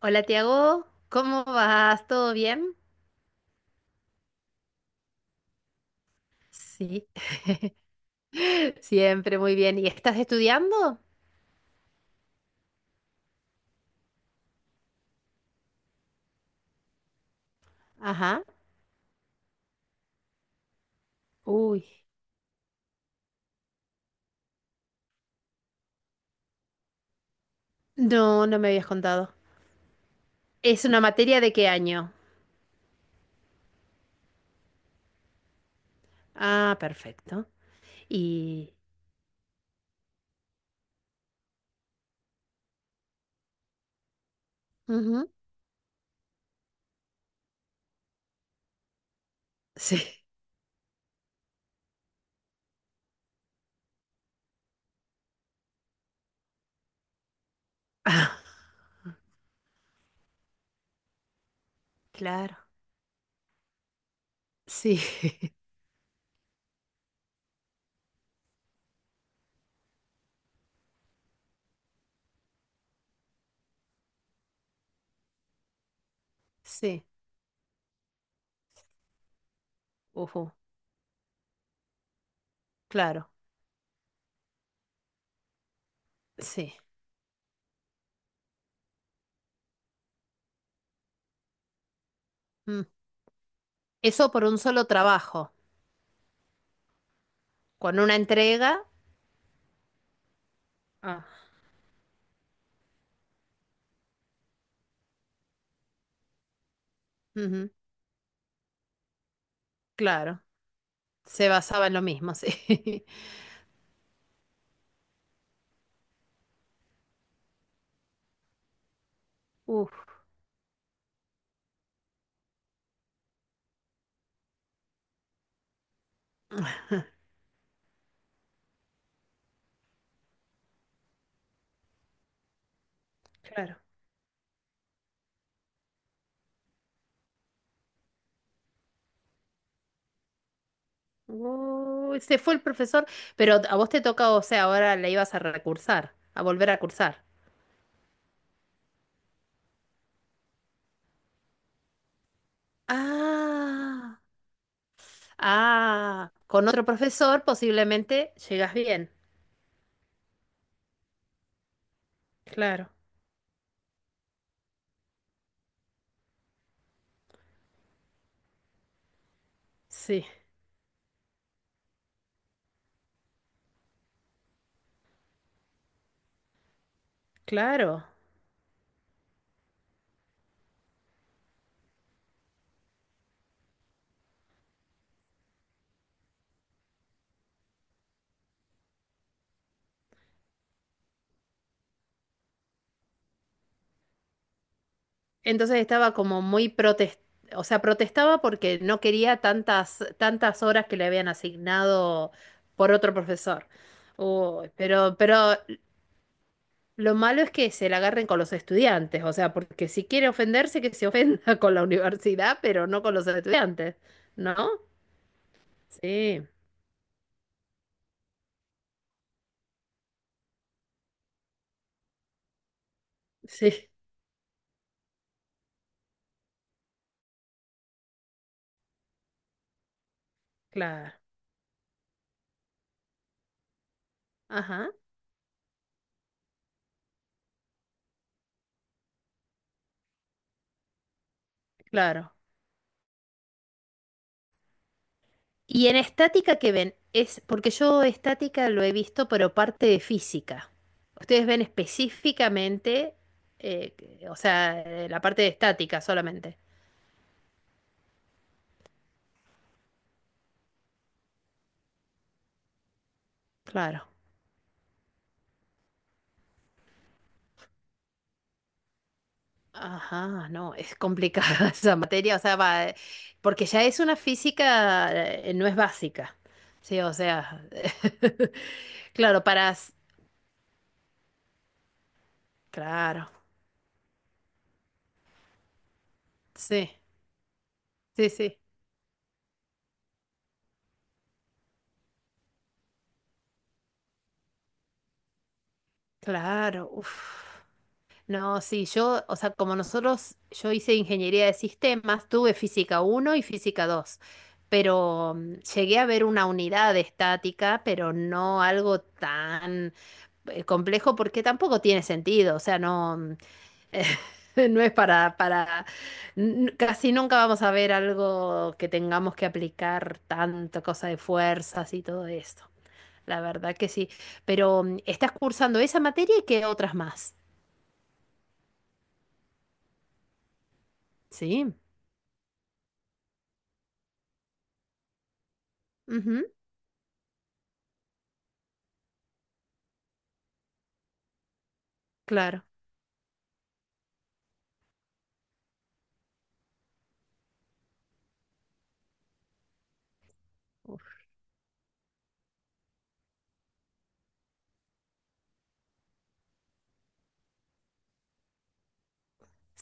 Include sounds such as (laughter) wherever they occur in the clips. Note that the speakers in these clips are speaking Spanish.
Hola Tiago, ¿cómo vas? ¿Todo bien? Sí, (laughs) siempre muy bien. ¿Y estás estudiando? Ajá. Uy, no, no me habías contado. ¿Es una materia de qué año? Ah, perfecto. Y... ujú. Sí. (laughs) Ah, claro. Sí, (laughs) sí. Ujú. Claro, sí. Mm. ¿Eso por un solo trabajo, con una entrega? Ah, ujú. Claro, se basaba en lo mismo, sí. (laughs) Uf, claro. Uy, se fue el profesor, pero a vos te toca, o sea, ahora la ibas a recursar, a volver a cursar. Ah, ah, con otro profesor posiblemente llegas bien. Claro, sí, claro. Entonces estaba como muy protest, o sea, protestaba porque no quería tantas, tantas horas que le habían asignado por otro profesor. Uy, pero lo malo es que se la agarren con los estudiantes, o sea, porque si quiere ofenderse, que se ofenda (laughs) con la universidad, pero no con los estudiantes, ¿no? Sí, sí, claro. Ajá, claro. Y en estática, que ven? Es porque yo estática lo he visto, pero parte de física. Ustedes ven específicamente, eh, o sea, la parte de estática solamente. Claro. Ajá, no, es complicada (laughs) esa materia, o sea, va, porque ya es una física, no es básica, sí, o sea, (laughs) claro, para, s- claro, sí, sí, sí, claro, uf. No, sí, yo, o sea, como nosotros, yo hice ingeniería de sistemas, tuve física uno y física 2, pero mm, llegué a ver una unidad de estática, pero no algo tan complejo porque tampoco tiene sentido, o sea, no... mm. (laughs) No es para, n- casi nunca vamos a ver algo que tengamos que aplicar tanto, cosa de fuerzas y todo esto. La verdad que sí. Pero mm, estás cursando esa materia y qué otras más. Sí. Ujú, claro. Uf,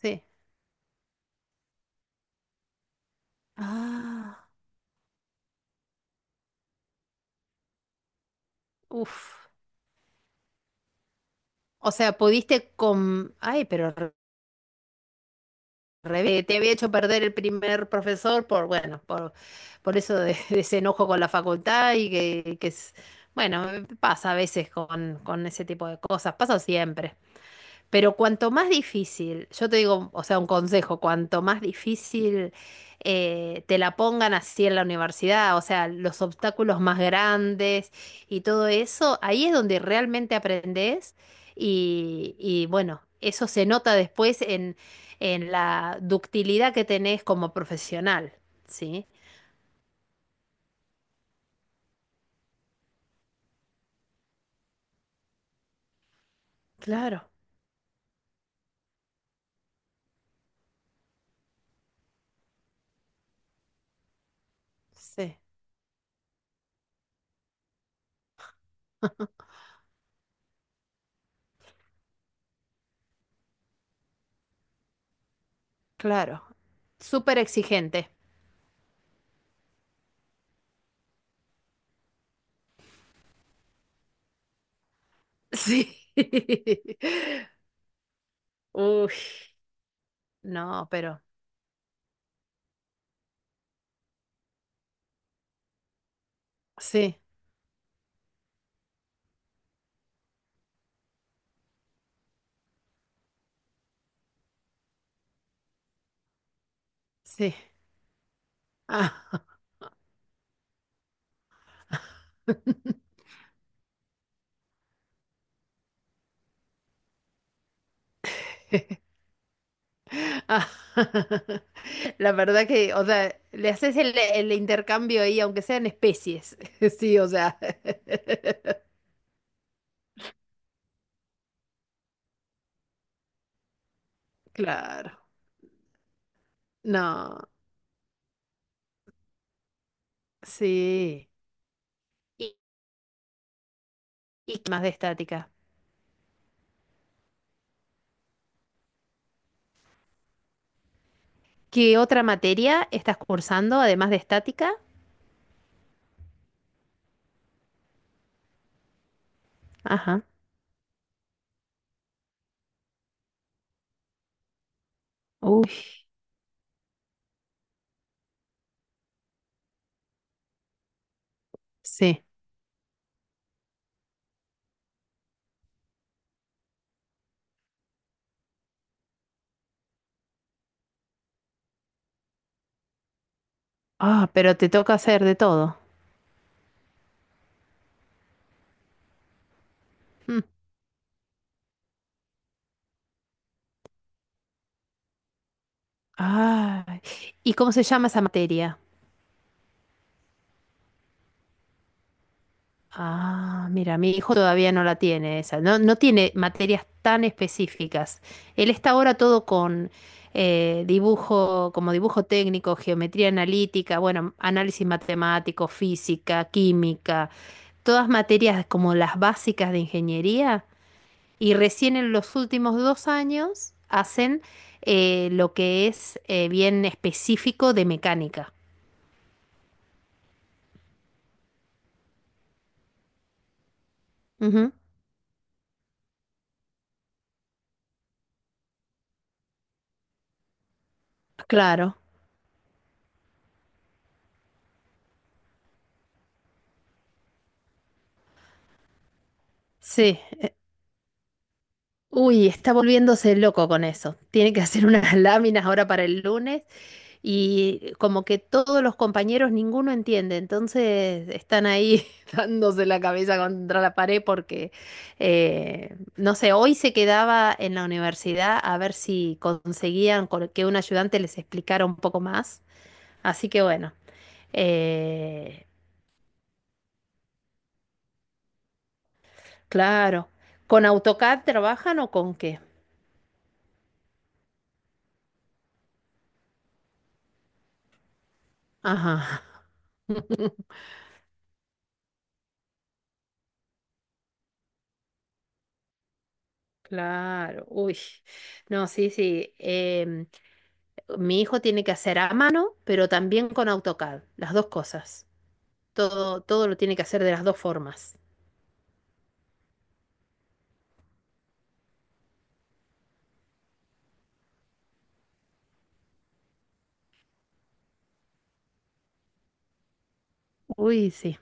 sí. Ah, uf. O sea, pudiste con... Ay, pero revés, te había hecho perder el primer profesor por, bueno, por eso de, (laughs) de ese enojo con la facultad y que es, bueno, pasa a veces con ese tipo de cosas, pasa siempre. Pero cuanto más difícil, yo te digo, o sea, un consejo, cuanto más difícil te la pongan así en la universidad, o sea, los obstáculos más grandes y todo eso, ahí es donde realmente aprendes y bueno, eso se nota después en la ductilidad que tenés como profesional, ¿sí? Claro, sí, claro. Súper exigente. (laughs) Sí. Uy, no, pero sí. Sí. Ah. (laughs) Ah. (laughs) La verdad que, o sea, le haces el intercambio ahí, aunque sean especies. (laughs) Sí, o sea, (laughs) claro. No, sí. ¿Y, y qué más de estática? ¿Qué otra materia estás cursando además de estática? Ajá. Uy, sí. Ah, pero te toca hacer de todo. Mm. Ah. ¿Y cómo se llama esa materia? Ah, mira, mi hijo todavía no la tiene esa, no, no tiene materias tan específicas. Él está ahora todo con dibujo, como dibujo técnico, geometría analítica, bueno, análisis matemático, física, química, todas materias como las básicas de ingeniería. Y recién en los últimos dos años hacen lo que es bien específico de mecánica. Ujú. Claro, sí. Uy, está volviéndose loco con eso. Tiene que hacer unas (laughs) láminas ahora para el lunes y como que todos los compañeros, ninguno entiende. Entonces están ahí (laughs) dándose la cabeza contra la pared porque, no sé, hoy se quedaba en la universidad a ver si conseguían con- que un ayudante les explicara un poco más. Así que bueno, eh, claro. ¿Con AutoCAD trabajan o con qué? Ajá. Claro, uy, no, sí, sí. Mi hijo tiene que hacer a mano, pero también con AutoCAD, las dos cosas. Todo, todo lo tiene que hacer de las dos formas. Uy, sí.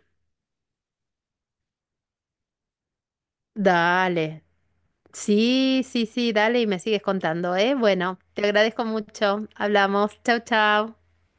Dale. Sí, sí, sí, dale y me sigues contando, ¿eh? Bueno, te agradezco mucho. Hablamos. Chau, chau.